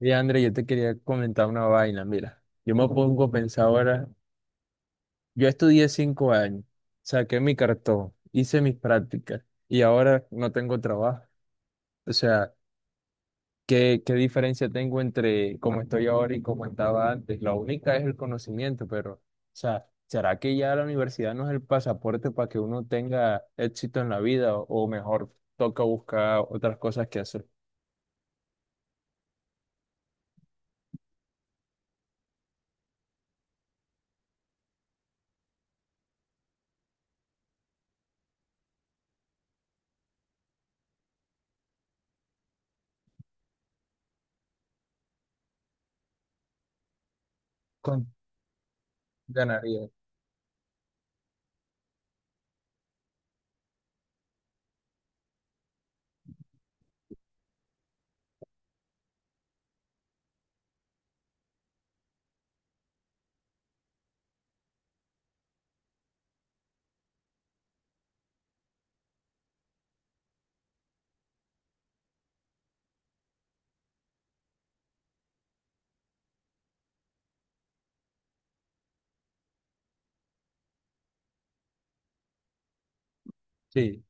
Y André, yo te quería comentar una vaina, mira, yo me pongo a pensar ahora, yo estudié 5 años, saqué mi cartón, hice mis prácticas y ahora no tengo trabajo. O sea, ¿qué diferencia tengo entre cómo estoy ahora y cómo estaba antes? La única es el conocimiento, pero, o sea, ¿será que ya la universidad no es el pasaporte para que uno tenga éxito en la vida o mejor toca buscar otras cosas que hacer? Con- Ganaría. Sí,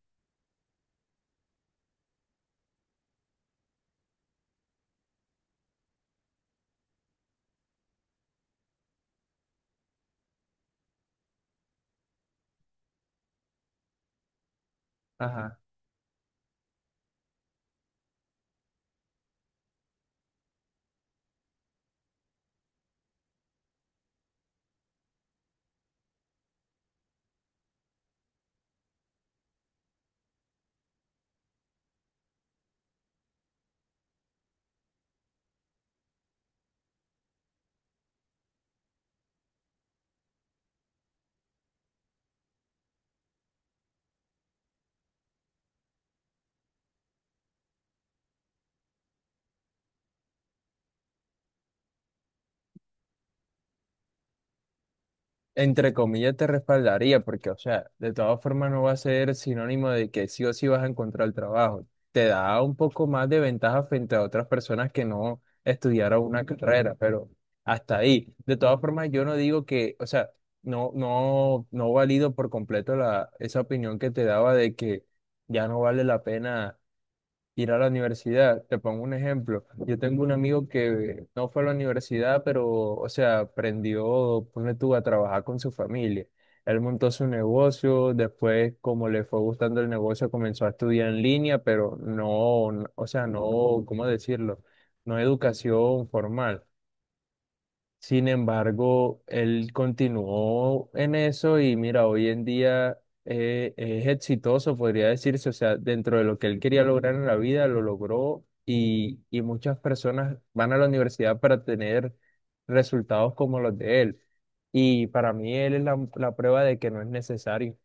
ajá. Entre comillas, te respaldaría, porque, o sea, de todas formas no va a ser sinónimo de que sí o sí vas a encontrar el trabajo. Te da un poco más de ventaja frente a otras personas que no estudiaron una carrera, pero hasta ahí. De todas formas, yo no digo que, o sea, no, no, no valido por completo esa opinión que te daba de que ya no vale la pena ir a la universidad. Te pongo un ejemplo. Yo tengo un amigo que no fue a la universidad, pero, o sea, aprendió, pone tú, a trabajar con su familia. Él montó su negocio, después, como le fue gustando el negocio, comenzó a estudiar en línea, pero no, o sea, no, ¿cómo decirlo? No educación formal. Sin embargo, él continuó en eso y mira, hoy en día es exitoso, podría decirse, o sea, dentro de lo que él quería lograr en la vida, lo logró y muchas personas van a la universidad para tener resultados como los de él. Y para mí él es la prueba de que no es necesario.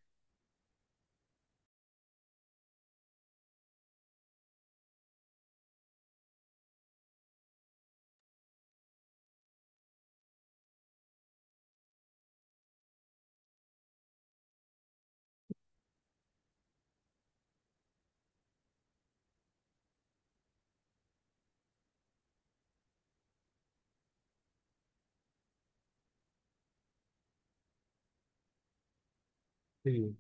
Sí.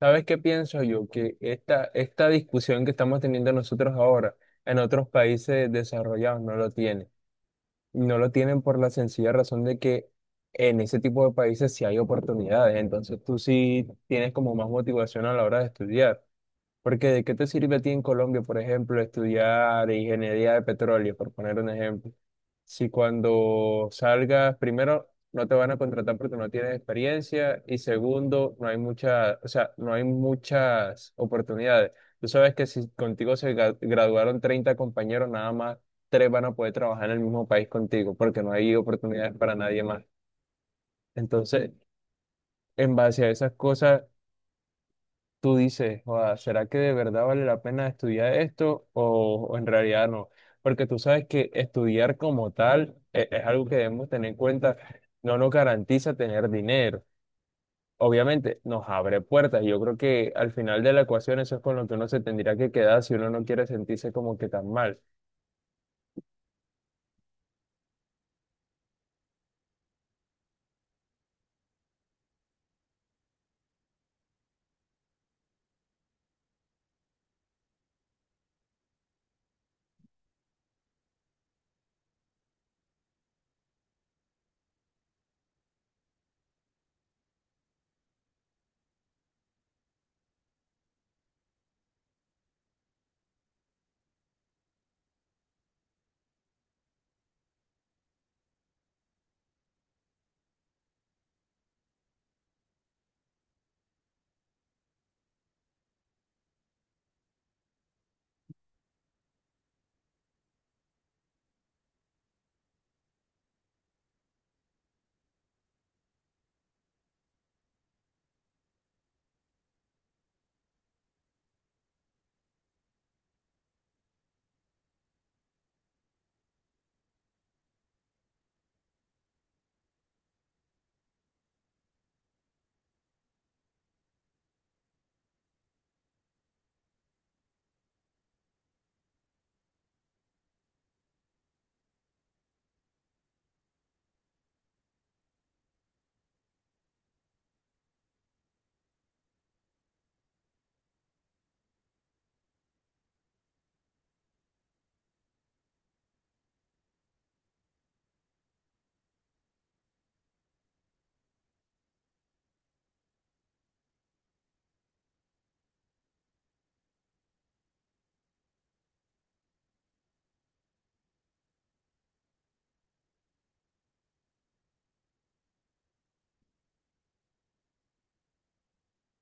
¿Sabes qué pienso yo? Que esta discusión que estamos teniendo nosotros ahora en otros países desarrollados no lo tiene. No lo tienen por la sencilla razón de que en ese tipo de países sí hay oportunidades, entonces tú sí tienes como más motivación a la hora de estudiar. Porque ¿de qué te sirve a ti en Colombia, por ejemplo, estudiar ingeniería de petróleo, por poner un ejemplo? Si cuando salgas, primero, no te van a contratar porque no tienes experiencia y segundo, no hay mucha, o sea, no hay muchas oportunidades. Tú sabes que si contigo se graduaron 30 compañeros, nada más tres van a poder trabajar en el mismo país contigo porque no hay oportunidades para nadie más. Entonces, en base a esas cosas tú dices, "Joda, ¿será que de verdad vale la pena estudiar esto o en realidad no? Porque tú sabes que estudiar como tal es, algo que debemos tener en cuenta, no nos garantiza tener dinero. Obviamente nos abre puertas. Yo creo que al final de la ecuación eso es con lo que uno se tendría que quedar si uno no quiere sentirse como que tan mal.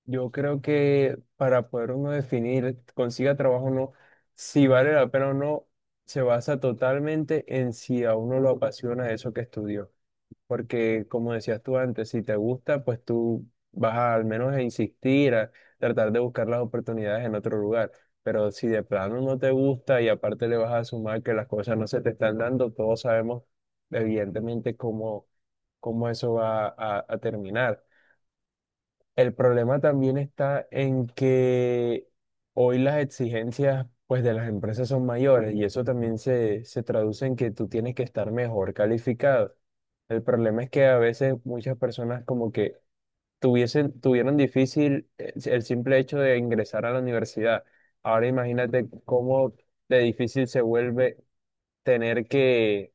Yo creo que para poder uno definir, consiga trabajo o no, si vale la pena o no, se basa totalmente en si a uno lo apasiona eso que estudió. Porque como decías tú antes, si te gusta, pues tú vas a, al menos a insistir, a tratar de buscar las oportunidades en otro lugar. Pero si de plano no te gusta y aparte le vas a sumar que las cosas no se te están dando, todos sabemos evidentemente cómo eso va a terminar. El problema también está en que hoy las exigencias pues de las empresas son mayores y eso también se traduce en que tú tienes que estar mejor calificado. El problema es que a veces muchas personas como que tuvieron difícil el simple hecho de ingresar a la universidad. Ahora imagínate cómo de difícil se vuelve tener que,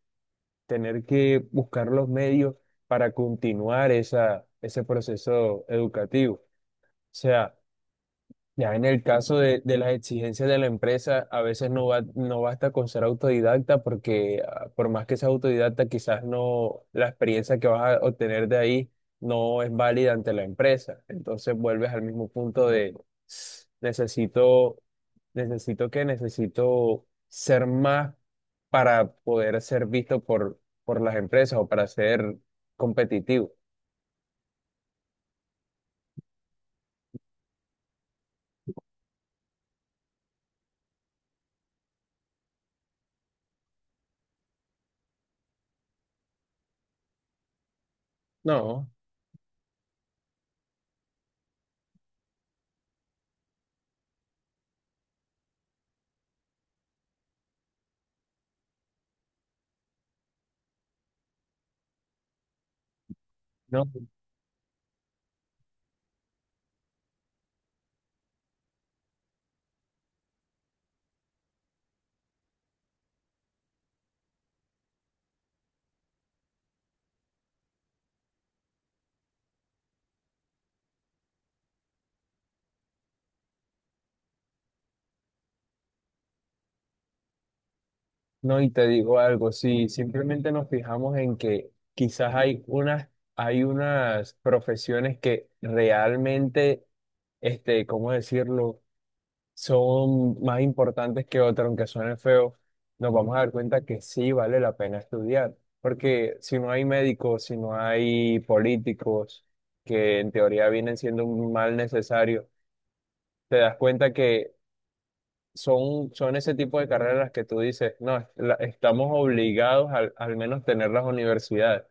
tener que buscar los medios para continuar ese proceso educativo. O sea, ya en el caso de las exigencias de la empresa, a veces no basta con ser autodidacta porque por más que seas autodidacta, quizás no la experiencia que vas a obtener de ahí no es válida ante la empresa. Entonces vuelves al mismo punto de "Ss, necesito, necesito que necesito ser más para poder ser visto por las empresas o para ser competitivo. No, no. No, y te digo algo, si simplemente nos fijamos en que quizás hay unas profesiones que realmente, ¿cómo decirlo?, son más importantes que otras, aunque suenen feo, nos vamos a dar cuenta que sí vale la pena estudiar. Porque si no hay médicos, si no hay políticos, que en teoría vienen siendo un mal necesario, te das cuenta que son ese tipo de carreras que tú dices, no, estamos obligados al menos tener las universidades.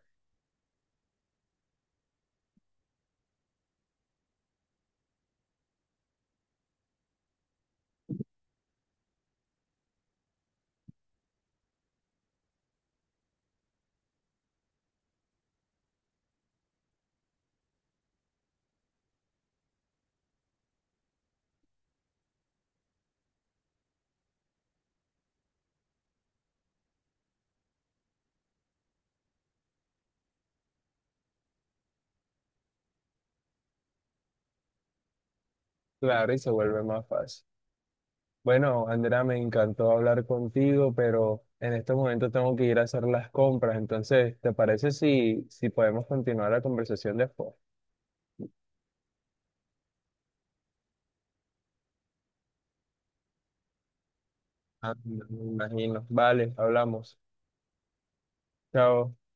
Claro, y se vuelve más fácil. Bueno, Andrea, me encantó hablar contigo, pero en este momento tengo que ir a hacer las compras. Entonces, ¿te parece si podemos continuar la conversación después? Ah, me imagino. Vale, hablamos. Chao.